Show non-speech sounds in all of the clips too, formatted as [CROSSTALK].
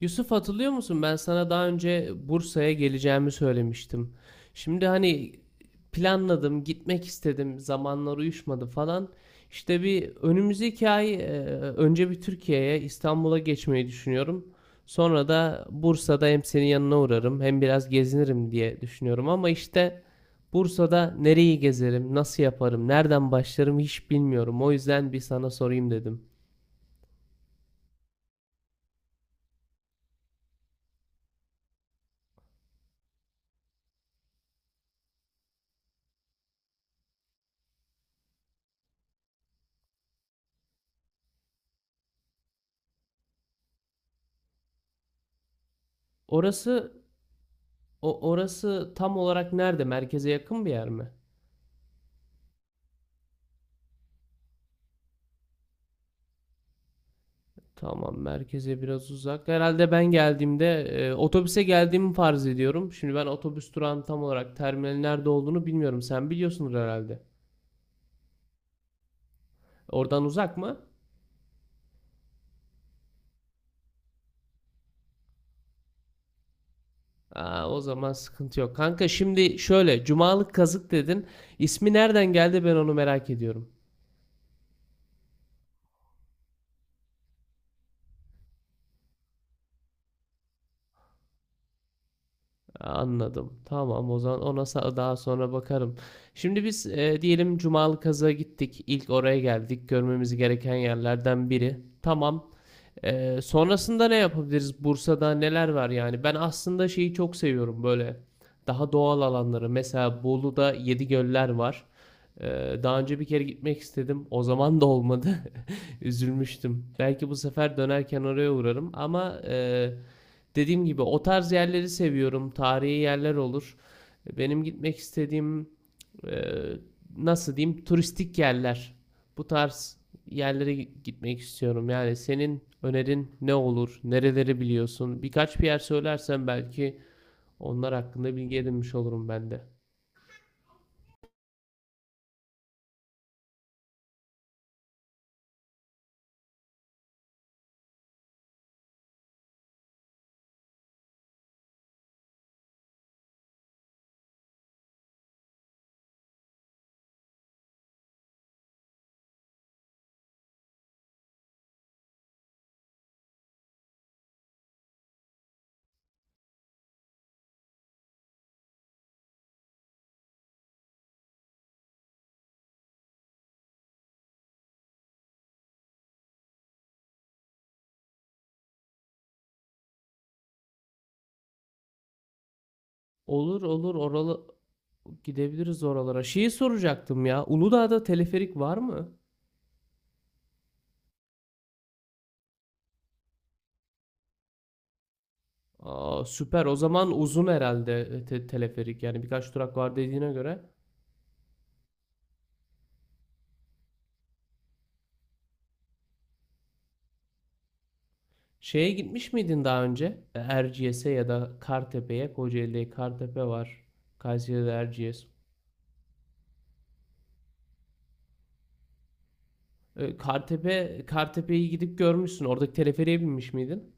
Yusuf hatırlıyor musun? Ben sana daha önce Bursa'ya geleceğimi söylemiştim. Şimdi hani planladım, gitmek istedim, zamanlar uyuşmadı falan. İşte bir önümüzdeki ay önce bir Türkiye'ye, İstanbul'a geçmeyi düşünüyorum. Sonra da Bursa'da hem senin yanına uğrarım, hem biraz gezinirim diye düşünüyorum. Ama işte Bursa'da nereyi gezerim, nasıl yaparım, nereden başlarım hiç bilmiyorum. O yüzden bir sana sorayım dedim. Orası orası tam olarak nerede? Merkeze yakın bir yer mi? Tamam, merkeze biraz uzak. Herhalde ben geldiğimde otobüse geldiğimi farz ediyorum. Şimdi ben otobüs durağının tam olarak terminalin nerede olduğunu bilmiyorum. Sen biliyorsundur herhalde. Oradan uzak mı? Aa, o zaman sıkıntı yok. Kanka şimdi şöyle, Cumalık Kazık dedin. İsmi nereden geldi ben onu merak ediyorum. Anladım. Tamam o zaman ona daha sonra bakarım. Şimdi biz diyelim Cumalı Kazı'ya gittik. İlk oraya geldik. Görmemiz gereken yerlerden biri. Tamam. Sonrasında ne yapabiliriz? Bursa'da neler var yani? Ben aslında şeyi çok seviyorum böyle. Daha doğal alanları. Mesela Bolu'da Yedi Göller var. E, Daha önce bir kere gitmek istedim. O zaman da olmadı. [LAUGHS] Üzülmüştüm. Belki bu sefer dönerken oraya uğrarım. Ama dediğim gibi o tarz yerleri seviyorum. Tarihi yerler olur. Benim gitmek istediğim e, nasıl diyeyim turistik yerler. Bu tarz yerlere gitmek istiyorum. Yani senin önerin ne olur? Nereleri biliyorsun? Birkaç bir yer söylersen belki onlar hakkında bilgi edinmiş olurum ben de. Olur olur oralı gidebiliriz oralara. Şeyi soracaktım ya. Uludağ'da teleferik var mı? Aa, süper. O zaman uzun herhalde teleferik. Yani birkaç durak var dediğine göre. Şeye gitmiş miydin daha önce? Erciyes'e ya da Kartepe'ye. Kocaeli'de Kartepe var. Kayseri'de Erciyes. Kartepe, Kartepe'yi gidip görmüşsün. Oradaki teleferiğe binmiş miydin?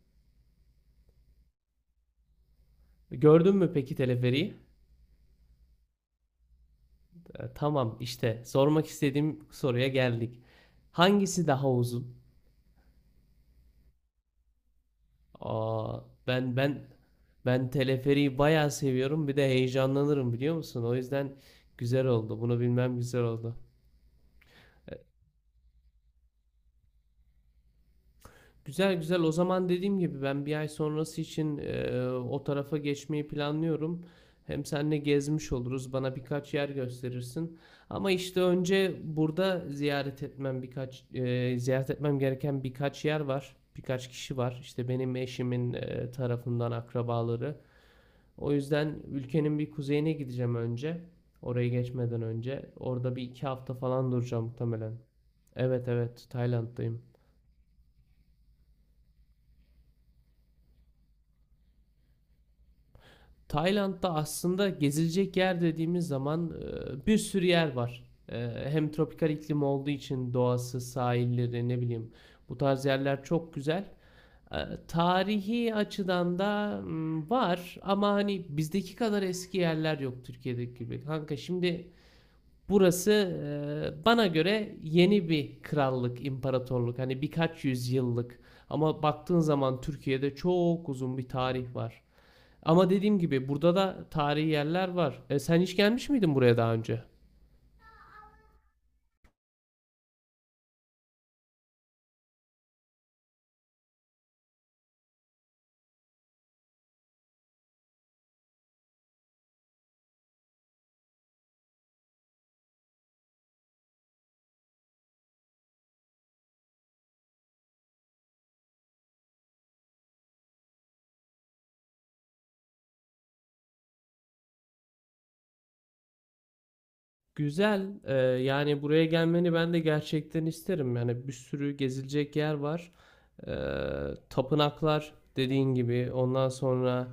Gördün mü peki teleferiği? Tamam işte sormak istediğim soruya geldik. Hangisi daha uzun? Aa, ben ben teleferiği bayağı seviyorum. Bir de heyecanlanırım biliyor musun? O yüzden güzel oldu. Bunu bilmem güzel oldu. Güzel güzel. O zaman dediğim gibi ben bir ay sonrası için o tarafa geçmeyi planlıyorum. Hem seninle gezmiş oluruz. Bana birkaç yer gösterirsin. Ama işte önce burada ziyaret etmem ziyaret etmem gereken birkaç yer var. Birkaç kişi var. İşte benim eşimin tarafından akrabaları. O yüzden ülkenin bir kuzeyine gideceğim önce. Oraya geçmeden önce. Orada bir iki hafta falan duracağım muhtemelen. Evet evet Tayland'dayım. Tayland'da aslında gezilecek yer dediğimiz zaman bir sürü yer var. E, hem tropikal iklim olduğu için doğası, sahilleri, ne bileyim bu tarz yerler çok güzel. E, Tarihi açıdan da var ama hani bizdeki kadar eski yerler yok Türkiye'deki gibi. Kanka şimdi burası bana göre yeni bir krallık, imparatorluk. Hani birkaç yüzyıllık ama baktığın zaman Türkiye'de çok uzun bir tarih var. Ama dediğim gibi burada da tarihi yerler var. Sen hiç gelmiş miydin buraya daha önce? Güzel. Yani buraya gelmeni ben de gerçekten isterim. Yani bir sürü gezilecek yer var. E, Tapınaklar dediğin gibi. Ondan sonra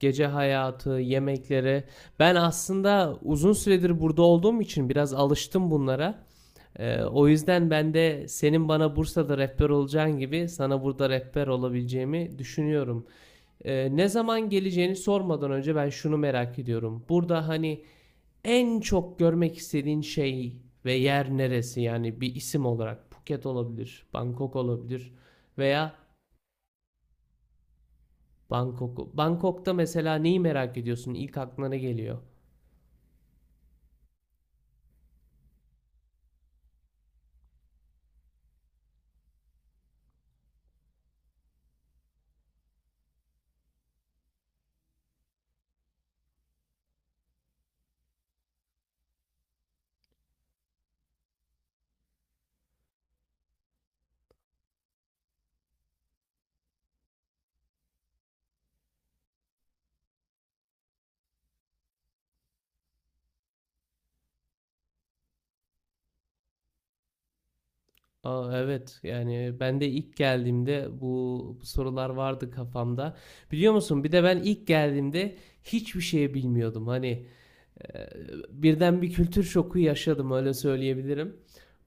gece hayatı, yemekleri. Ben aslında uzun süredir burada olduğum için biraz alıştım bunlara. O yüzden ben de senin bana Bursa'da rehber olacağın gibi sana burada rehber olabileceğimi düşünüyorum. Ne zaman geleceğini sormadan önce ben şunu merak ediyorum. Burada hani en çok görmek istediğin şey ve yer neresi? Yani bir isim olarak Phuket olabilir, Bangkok olabilir veya Bangkok. Bangkok'ta mesela neyi merak ediyorsun? İlk aklına ne geliyor? Aa, evet yani ben de ilk geldiğimde bu sorular vardı kafamda. Biliyor musun? Bir de ben ilk geldiğimde hiçbir şey bilmiyordum. Ee, Birden bir kültür şoku yaşadım öyle söyleyebilirim.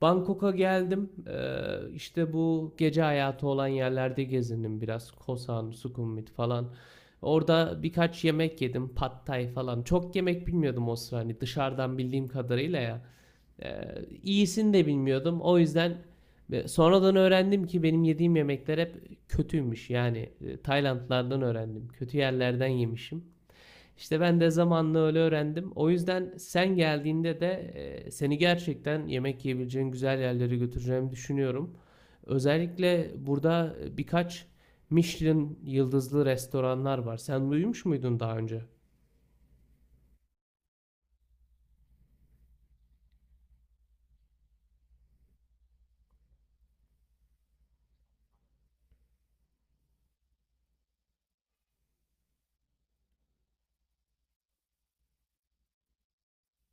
Bangkok'a geldim. İşte bu gece hayatı olan yerlerde gezindim biraz. Koh San, Sukhumvit falan. Orada birkaç yemek yedim. Pad Thai falan. Çok yemek bilmiyordum o sıra hani dışarıdan bildiğim kadarıyla ya. Ee, iyisini de bilmiyordum. O yüzden sonradan öğrendim ki benim yediğim yemekler hep kötüymüş. Yani Taylandlardan öğrendim. Kötü yerlerden yemişim. İşte ben de zamanla öyle öğrendim. O yüzden sen geldiğinde de seni gerçekten yemek yiyebileceğin güzel yerlere götüreceğimi düşünüyorum. Özellikle burada birkaç Michelin yıldızlı restoranlar var. Sen duymuş muydun daha önce?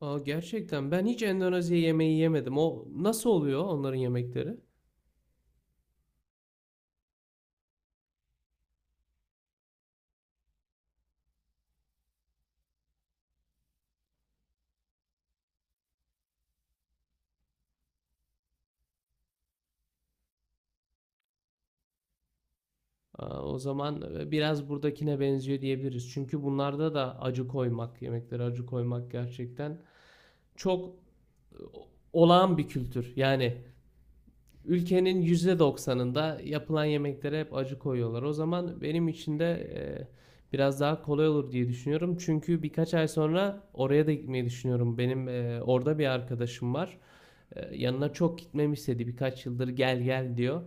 Aa, gerçekten ben hiç Endonezya yemeği yemedim. O nasıl oluyor onların yemekleri? Aa, o zaman biraz buradakine benziyor diyebiliriz. Çünkü bunlarda da acı koymak, yemeklere acı koymak gerçekten çok e, olağan bir kültür. Yani ülkenin %90'ında yapılan yemeklere hep acı koyuyorlar. O zaman benim için de biraz daha kolay olur diye düşünüyorum. Çünkü birkaç ay sonra oraya da gitmeyi düşünüyorum. Benim orada bir arkadaşım var. Yanına çok gitmemi istedi. Birkaç yıldır gel gel diyor.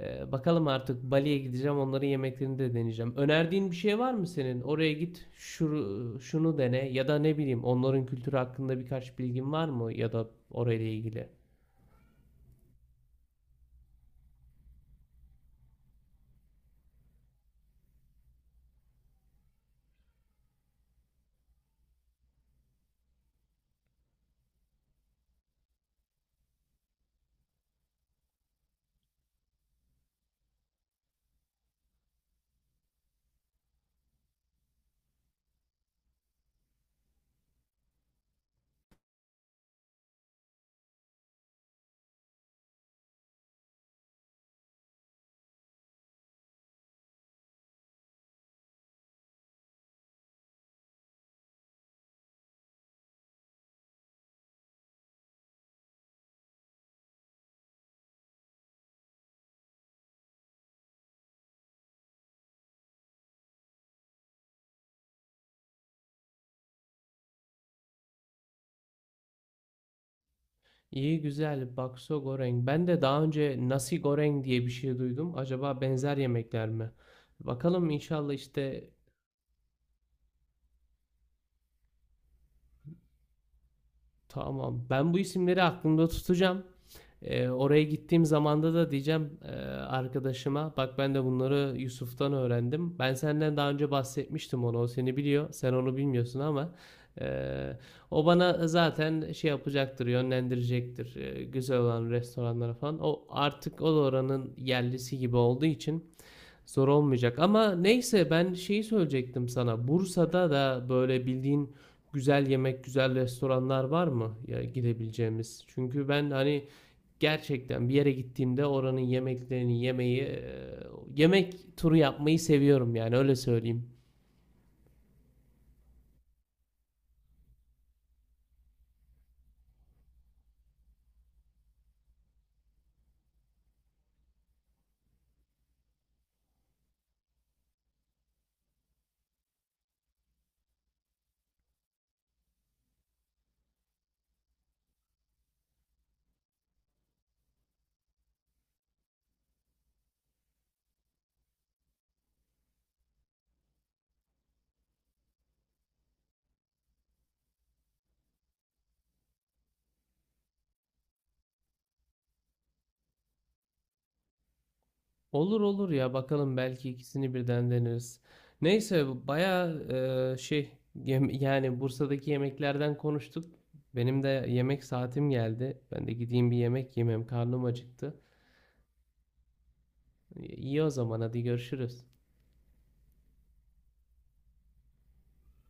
Bakalım artık Bali'ye gideceğim. Onların yemeklerini de deneyeceğim. Önerdiğin bir şey var mı senin? Oraya git, şunu, şunu dene ya da ne bileyim onların kültürü hakkında birkaç bilgin var mı ya da orayla ilgili? İyi güzel bakso goreng. Ben de daha önce nasi goreng diye bir şey duydum. Acaba benzer yemekler mi? Bakalım inşallah işte tamam. Ben bu isimleri aklımda tutacağım. Oraya gittiğim zamanda da diyeceğim arkadaşıma bak ben de bunları Yusuf'tan öğrendim. Ben senden daha önce bahsetmiştim onu. O seni biliyor. Sen onu bilmiyorsun ama e, o bana zaten şey yapacaktır, yönlendirecektir. Güzel olan restoranlara falan. O artık o da oranın yerlisi gibi olduğu için zor olmayacak ama neyse ben şeyi söyleyecektim sana. Bursa'da da böyle bildiğin güzel yemek, güzel restoranlar var mı ya gidebileceğimiz? Çünkü ben hani gerçekten bir yere gittiğimde oranın yemeklerini yemeyi, yemek turu yapmayı seviyorum yani öyle söyleyeyim. Olur olur ya bakalım belki ikisini birden deneriz. Neyse baya yani Bursa'daki yemeklerden konuştuk. Benim de yemek saatim geldi. Ben de gideyim bir yemek yemem. Karnım acıktı. İyi o zaman hadi görüşürüz.